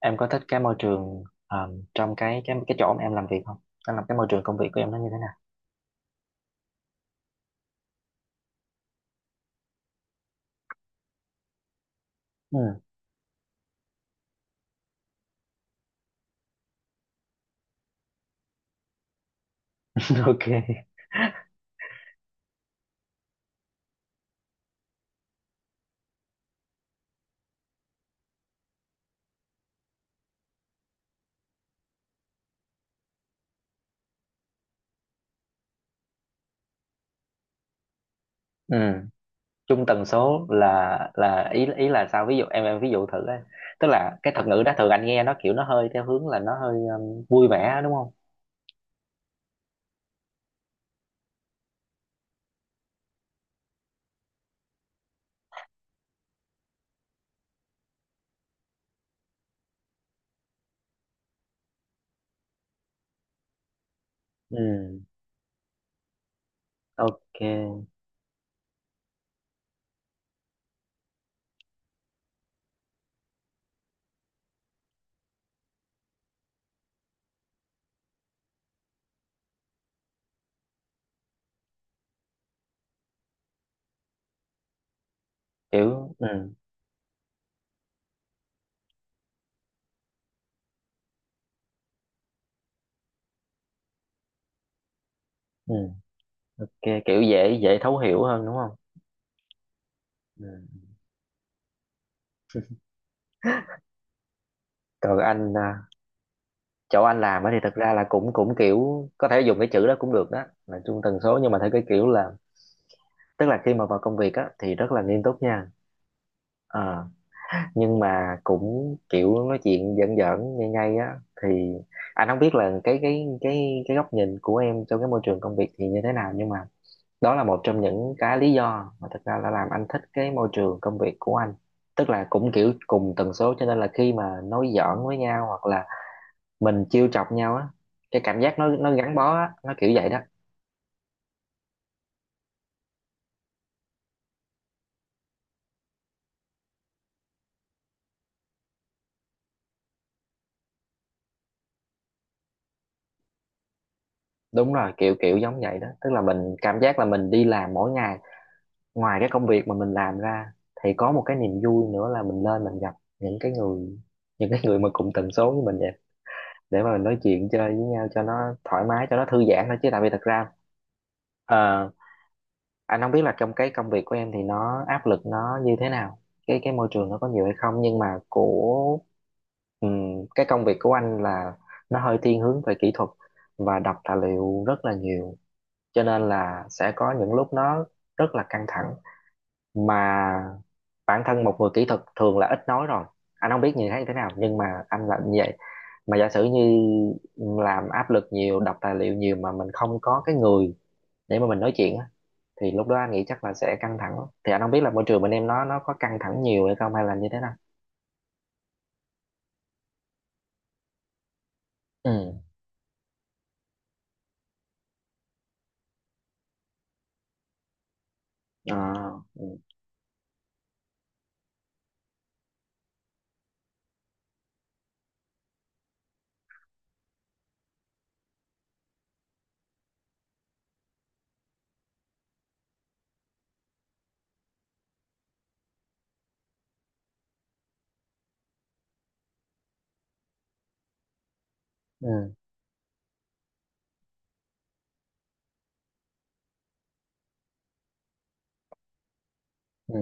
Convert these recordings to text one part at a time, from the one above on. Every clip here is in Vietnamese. Em có thích cái môi trường trong cái chỗ mà em làm việc không? Em làm cái môi trường công việc của em nó như thế nào? Ừ. Ok. Ừ. Chung tần số là ý ý là sao? Ví dụ em ví dụ thử ấy. Tức là cái thuật ngữ đó thường anh nghe nó kiểu nó hơi theo hướng là nó hơi vui vẻ đúng không? Ừ. Ok. Kiểu. Ừ. Ừ. Ok. Kiểu dễ dễ thấu hiểu hơn đúng không? Ừ. Còn anh à, chỗ anh làm á thì thật ra là cũng cũng kiểu có thể dùng cái chữ đó cũng được, đó là chung tần số, nhưng mà theo cái kiểu là tức là khi mà vào công việc á thì rất là nghiêm túc nha. Ờ, nhưng mà cũng kiểu nói chuyện giỡn giỡn ngay ngay á thì anh không biết là cái góc nhìn của em trong cái môi trường công việc thì như thế nào, nhưng mà đó là một trong những cái lý do mà thật ra là làm anh thích cái môi trường công việc của anh, tức là cũng kiểu cùng tần số cho nên là khi mà nói giỡn với nhau hoặc là mình trêu chọc nhau á, cái cảm giác nó gắn bó á, nó kiểu vậy đó. Đúng rồi, kiểu kiểu giống vậy đó, tức là mình cảm giác là mình đi làm mỗi ngày, ngoài cái công việc mà mình làm ra thì có một cái niềm vui nữa là mình lên mình gặp những cái người, những cái người mà cùng tần số với mình vậy, để mà mình nói chuyện chơi với nhau cho nó thoải mái cho nó thư giãn thôi, chứ tại vì thật ra ờ, anh không biết là trong cái công việc của em thì nó áp lực nó như thế nào, cái môi trường nó có nhiều hay không, nhưng mà của cái công việc của anh là nó hơi thiên hướng về kỹ thuật và đọc tài liệu rất là nhiều, cho nên là sẽ có những lúc nó rất là căng thẳng, mà bản thân một người kỹ thuật thường là ít nói rồi, anh không biết như thế nào nhưng mà anh là như vậy. Mà giả sử như làm áp lực nhiều đọc tài liệu nhiều mà mình không có cái người để mà mình nói chuyện á thì lúc đó anh nghĩ chắc là sẽ căng thẳng lắm. Thì anh không biết là môi trường bên em nó có căng thẳng nhiều hay không hay là như thế nào? Ừ. À. Ừ. Ừ. Ừ.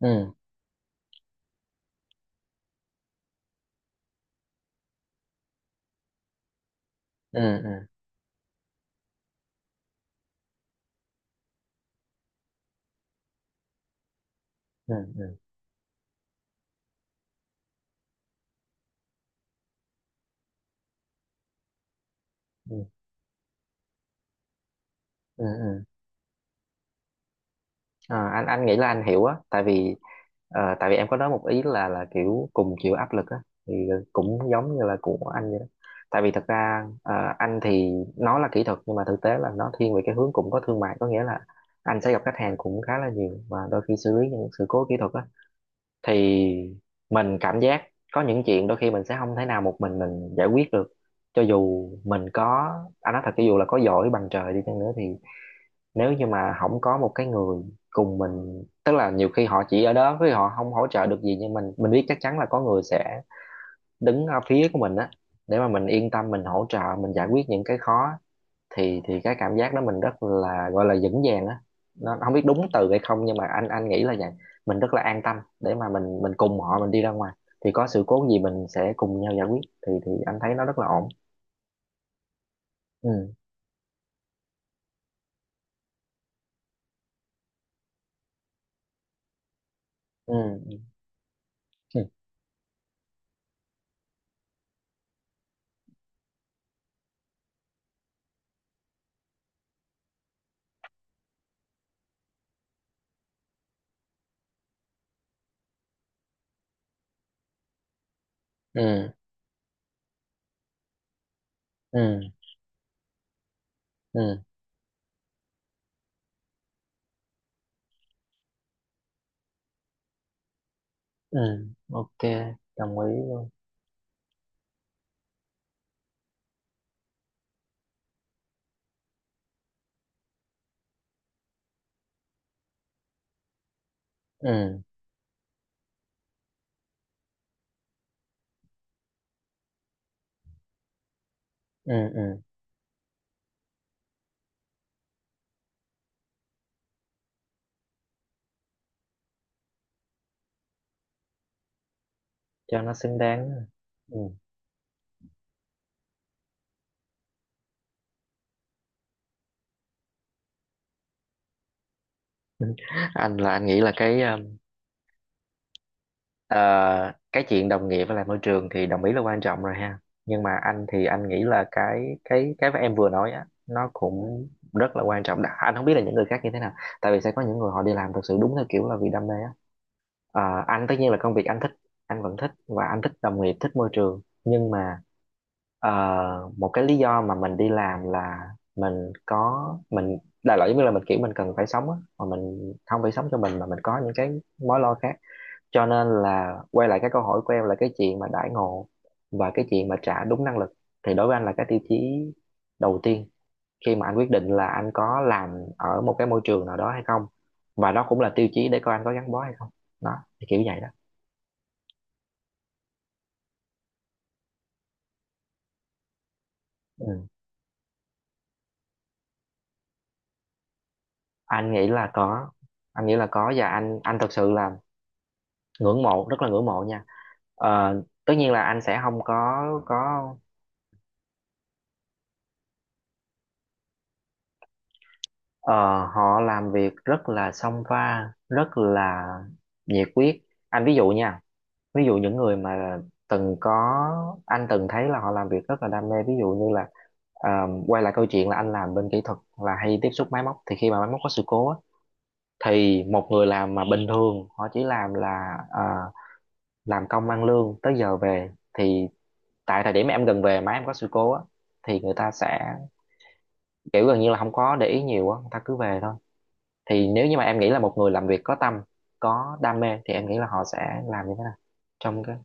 Ừ. Ừ. Ừ. Ừ. Ừ. Ừ. Ừ. Ừ. Ờ, anh nghĩ là anh hiểu á, tại vì tại vì em có nói một ý là kiểu cùng chịu áp lực á thì cũng giống như là của anh vậy đó, tại vì thật ra anh thì nó là kỹ thuật nhưng mà thực tế là nó thiên về cái hướng cũng có thương mại, có nghĩa là anh sẽ gặp khách hàng cũng khá là nhiều và đôi khi xử lý những sự cố kỹ thuật á thì mình cảm giác có những chuyện đôi khi mình sẽ không thể nào một mình giải quyết được, cho dù mình có anh nói thật cho dù là có giỏi bằng trời đi chăng nữa thì nếu như mà không có một cái người cùng mình, tức là nhiều khi họ chỉ ở đó với họ không hỗ trợ được gì nhưng mình biết chắc chắn là có người sẽ đứng ở phía của mình á, để mà mình yên tâm mình hỗ trợ mình giải quyết những cái khó, thì cái cảm giác đó mình rất là gọi là vững vàng á, nó không biết đúng từ hay không nhưng mà anh nghĩ là vậy, mình rất là an tâm để mà mình cùng họ mình đi ra ngoài, thì có sự cố gì mình sẽ cùng nhau giải quyết, thì anh thấy nó rất là ổn. Ừ. Ừ. Ừ. Ừ. Ừ. Ừ. Ừ. Ok. Đồng ý luôn. Ừ. Ừ. Ừ. Cho nó xứng đáng. Ừ. Anh là anh nghĩ là cái ờ, cái chuyện đồng nghiệp với lại môi trường thì đồng ý là quan trọng rồi ha, nhưng mà anh thì anh nghĩ là cái mà em vừa nói á nó cũng rất là quan trọng. Anh không biết là những người khác như thế nào, tại vì sẽ có những người họ đi làm thực sự đúng theo kiểu là vì đam mê á. Ờ, anh tất nhiên là công việc anh thích, anh vẫn thích và anh thích đồng nghiệp thích môi trường, nhưng mà Ờ, một cái lý do mà mình đi làm là mình có mình đại loại giống như là mình kiểu mình cần phải sống á, mà mình không phải sống cho mình mà mình có những cái mối lo khác, cho nên là quay lại cái câu hỏi của em là cái chuyện mà đãi ngộ và cái chuyện mà trả đúng năng lực thì đối với anh là cái tiêu chí đầu tiên khi mà anh quyết định là anh có làm ở một cái môi trường nào đó hay không, và đó cũng là tiêu chí để coi anh có gắn bó hay không. Đó thì kiểu vậy đó. Ừ. Anh nghĩ là có, anh nghĩ là có và anh thật sự là ngưỡng mộ, rất là ngưỡng mộ nha. Ờ, Tất nhiên là anh sẽ không có có ờ, họ làm việc rất là song pha, rất là nhiệt huyết. Anh ví dụ nha, ví dụ những người mà từng có anh từng thấy là họ làm việc rất là đam mê, ví dụ như là ờ, quay lại câu chuyện là anh làm bên kỹ thuật là hay tiếp xúc máy móc thì khi mà máy móc có sự cố á, thì một người làm mà bình thường họ chỉ làm là làm công ăn lương tới giờ về thì tại thời điểm em gần về mà em có sự cố á thì người ta sẽ kiểu gần như là không có để ý nhiều á, người ta cứ về thôi, thì nếu như mà em nghĩ là một người làm việc có tâm có đam mê thì em nghĩ là họ sẽ làm như thế nào trong cái.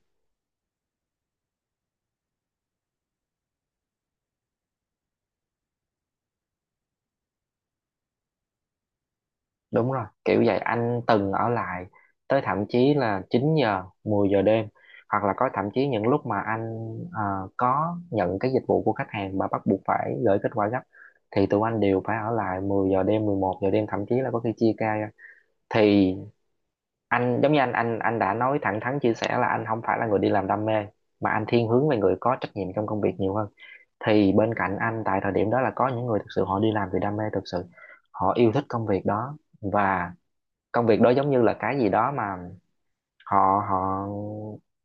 Đúng rồi kiểu vậy, anh từng ở lại tới thậm chí là 9 giờ 10 giờ đêm, hoặc là có thậm chí những lúc mà anh có nhận cái dịch vụ của khách hàng mà bắt buộc phải gửi kết quả gấp thì tụi anh đều phải ở lại 10 giờ đêm 11 giờ đêm, thậm chí là có khi chia ca ra. Thì anh giống như anh đã nói thẳng thắn chia sẻ là anh không phải là người đi làm đam mê mà anh thiên hướng về người có trách nhiệm trong công việc nhiều hơn, thì bên cạnh anh tại thời điểm đó là có những người thực sự họ đi làm vì đam mê thực sự, họ yêu thích công việc đó, và công việc đó giống như là cái gì đó mà họ họ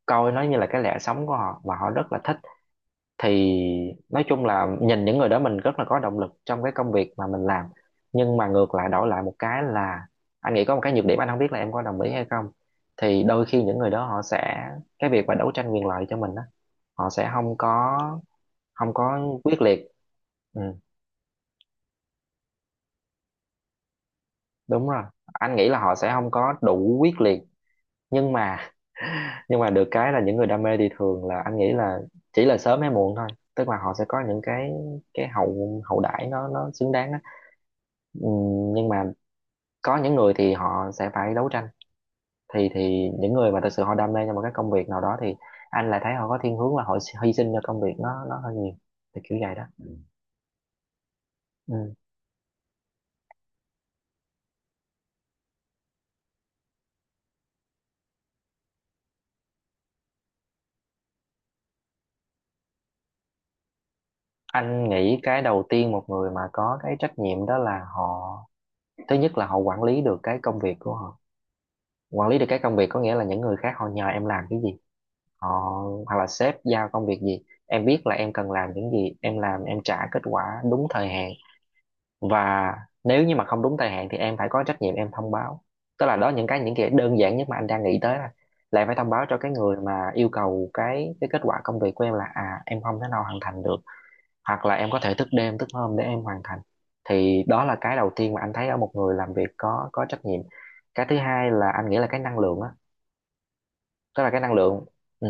coi nó như là cái lẽ sống của họ và họ rất là thích, thì nói chung là nhìn những người đó mình rất là có động lực trong cái công việc mà mình làm, nhưng mà ngược lại đổi lại một cái là anh nghĩ có một cái nhược điểm, anh không biết là em có đồng ý hay không, thì đôi khi những người đó họ sẽ cái việc mà đấu tranh quyền lợi cho mình á, họ sẽ không có quyết liệt. Ừ, đúng rồi, anh nghĩ là họ sẽ không có đủ quyết liệt, nhưng mà nhưng mà được cái là những người đam mê thì thường là anh nghĩ là chỉ là sớm hay muộn thôi, tức là họ sẽ có những cái hậu hậu đãi nó xứng đáng á. Ừ, nhưng mà có những người thì họ sẽ phải đấu tranh, thì những người mà thật sự họ đam mê cho một cái công việc nào đó thì anh lại thấy họ có thiên hướng là họ hy sinh cho công việc nó hơi nhiều, thì kiểu vậy đó. Ừ. Ừ. Anh nghĩ cái đầu tiên một người mà có cái trách nhiệm đó là họ, thứ nhất là họ quản lý được cái công việc của họ. Quản lý được cái công việc có nghĩa là những người khác họ nhờ em làm cái gì, họ hoặc là sếp giao công việc gì, em biết là em cần làm những gì, em làm em trả kết quả đúng thời hạn. Và nếu như mà không đúng thời hạn thì em phải có trách nhiệm em thông báo. Tức là đó, những cái đơn giản nhất mà anh đang nghĩ tới là em phải thông báo cho cái người mà yêu cầu cái kết quả công việc của em là à em không thể nào hoàn thành được, hoặc là em có thể thức đêm thức hôm để em hoàn thành. Thì đó là cái đầu tiên mà anh thấy ở một người làm việc có trách nhiệm. Cái thứ hai là anh nghĩ là cái năng lượng á, tức là cái năng lượng. Ừ,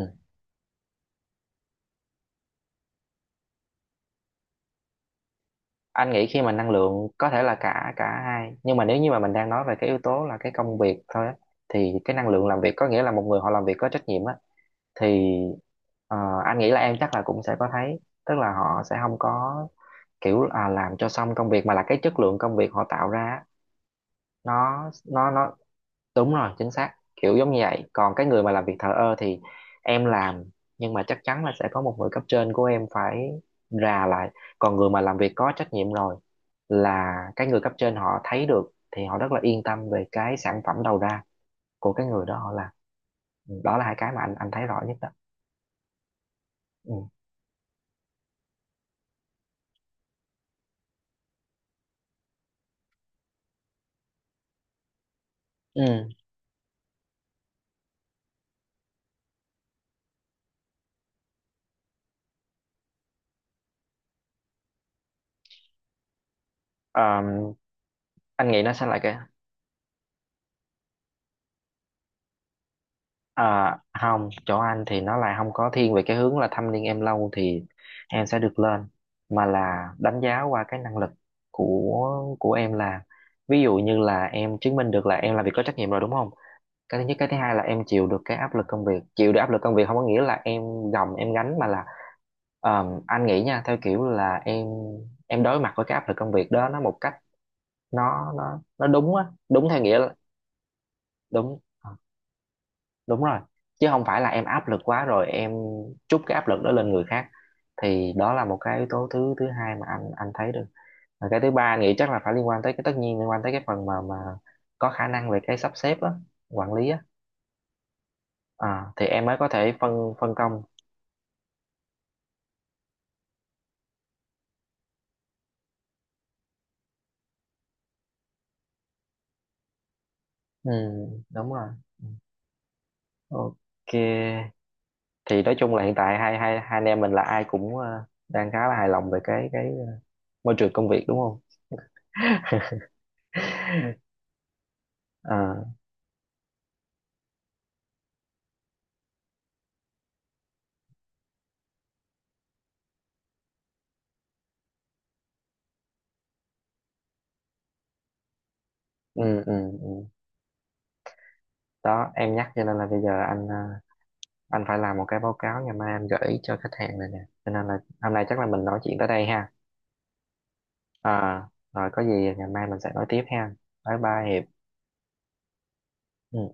anh nghĩ khi mà năng lượng có thể là cả cả hai, nhưng mà nếu như mà mình đang nói về cái yếu tố là cái công việc thôi á, thì cái năng lượng làm việc có nghĩa là một người họ làm việc có trách nhiệm á. Thì ờ, anh nghĩ là em chắc là cũng sẽ có thấy, tức là họ sẽ không có kiểu à, làm cho xong công việc, mà là cái chất lượng công việc họ tạo ra á, nó đúng rồi, chính xác, kiểu giống như vậy. Còn cái người mà làm việc thờ ơ thì em làm nhưng mà chắc chắn là sẽ có một người cấp trên của em phải rà lại. Còn người mà làm việc có trách nhiệm rồi là cái người cấp trên họ thấy được thì họ rất là yên tâm về cái sản phẩm đầu ra của cái người đó họ làm. Ừ, đó là hai cái mà anh thấy rõ nhất đó. Ừ. Ừ. Ờm, anh nghĩ nó sẽ lại cái, à, không, chỗ anh thì nó là không có thiên về cái hướng là thăm niên em lâu thì em sẽ được lên, mà là đánh giá qua cái năng lực của em. Là ví dụ như là em chứng minh được là em làm việc có trách nhiệm rồi đúng không, cái thứ nhất. Cái thứ hai là em chịu được cái áp lực công việc. Chịu được áp lực công việc không có nghĩa là em gồng em gánh, mà là anh nghĩ nha, theo kiểu là em đối mặt với cái áp lực công việc đó nó một cách, nó đúng á, đúng theo nghĩa là đúng. Ờ, đúng rồi, chứ không phải là em áp lực quá rồi em trút cái áp lực đó lên người khác. Thì đó là một cái yếu tố thứ thứ hai mà anh thấy được. Và cái thứ ba anh nghĩ chắc là phải liên quan tới cái, tất nhiên liên quan tới cái phần mà có khả năng về cái sắp xếp á, quản lý á. À, thì em mới có thể phân phân công. Ừ, đúng rồi. Ừ. Ok, thì nói chung là hiện tại hai hai hai anh em mình là ai cũng đang khá là hài lòng về cái môi trường công việc đúng không. Ờ, ừ, ừ, ừ. Đó, em nhắc cho nên là bây giờ anh anh phải làm một cái báo cáo ngày mai anh gửi cho khách hàng này nè, cho nên là hôm nay chắc là mình nói chuyện tới đây ha. À, rồi có gì ngày mai mình sẽ nói tiếp ha. Bye bye Hiệp. Ừ.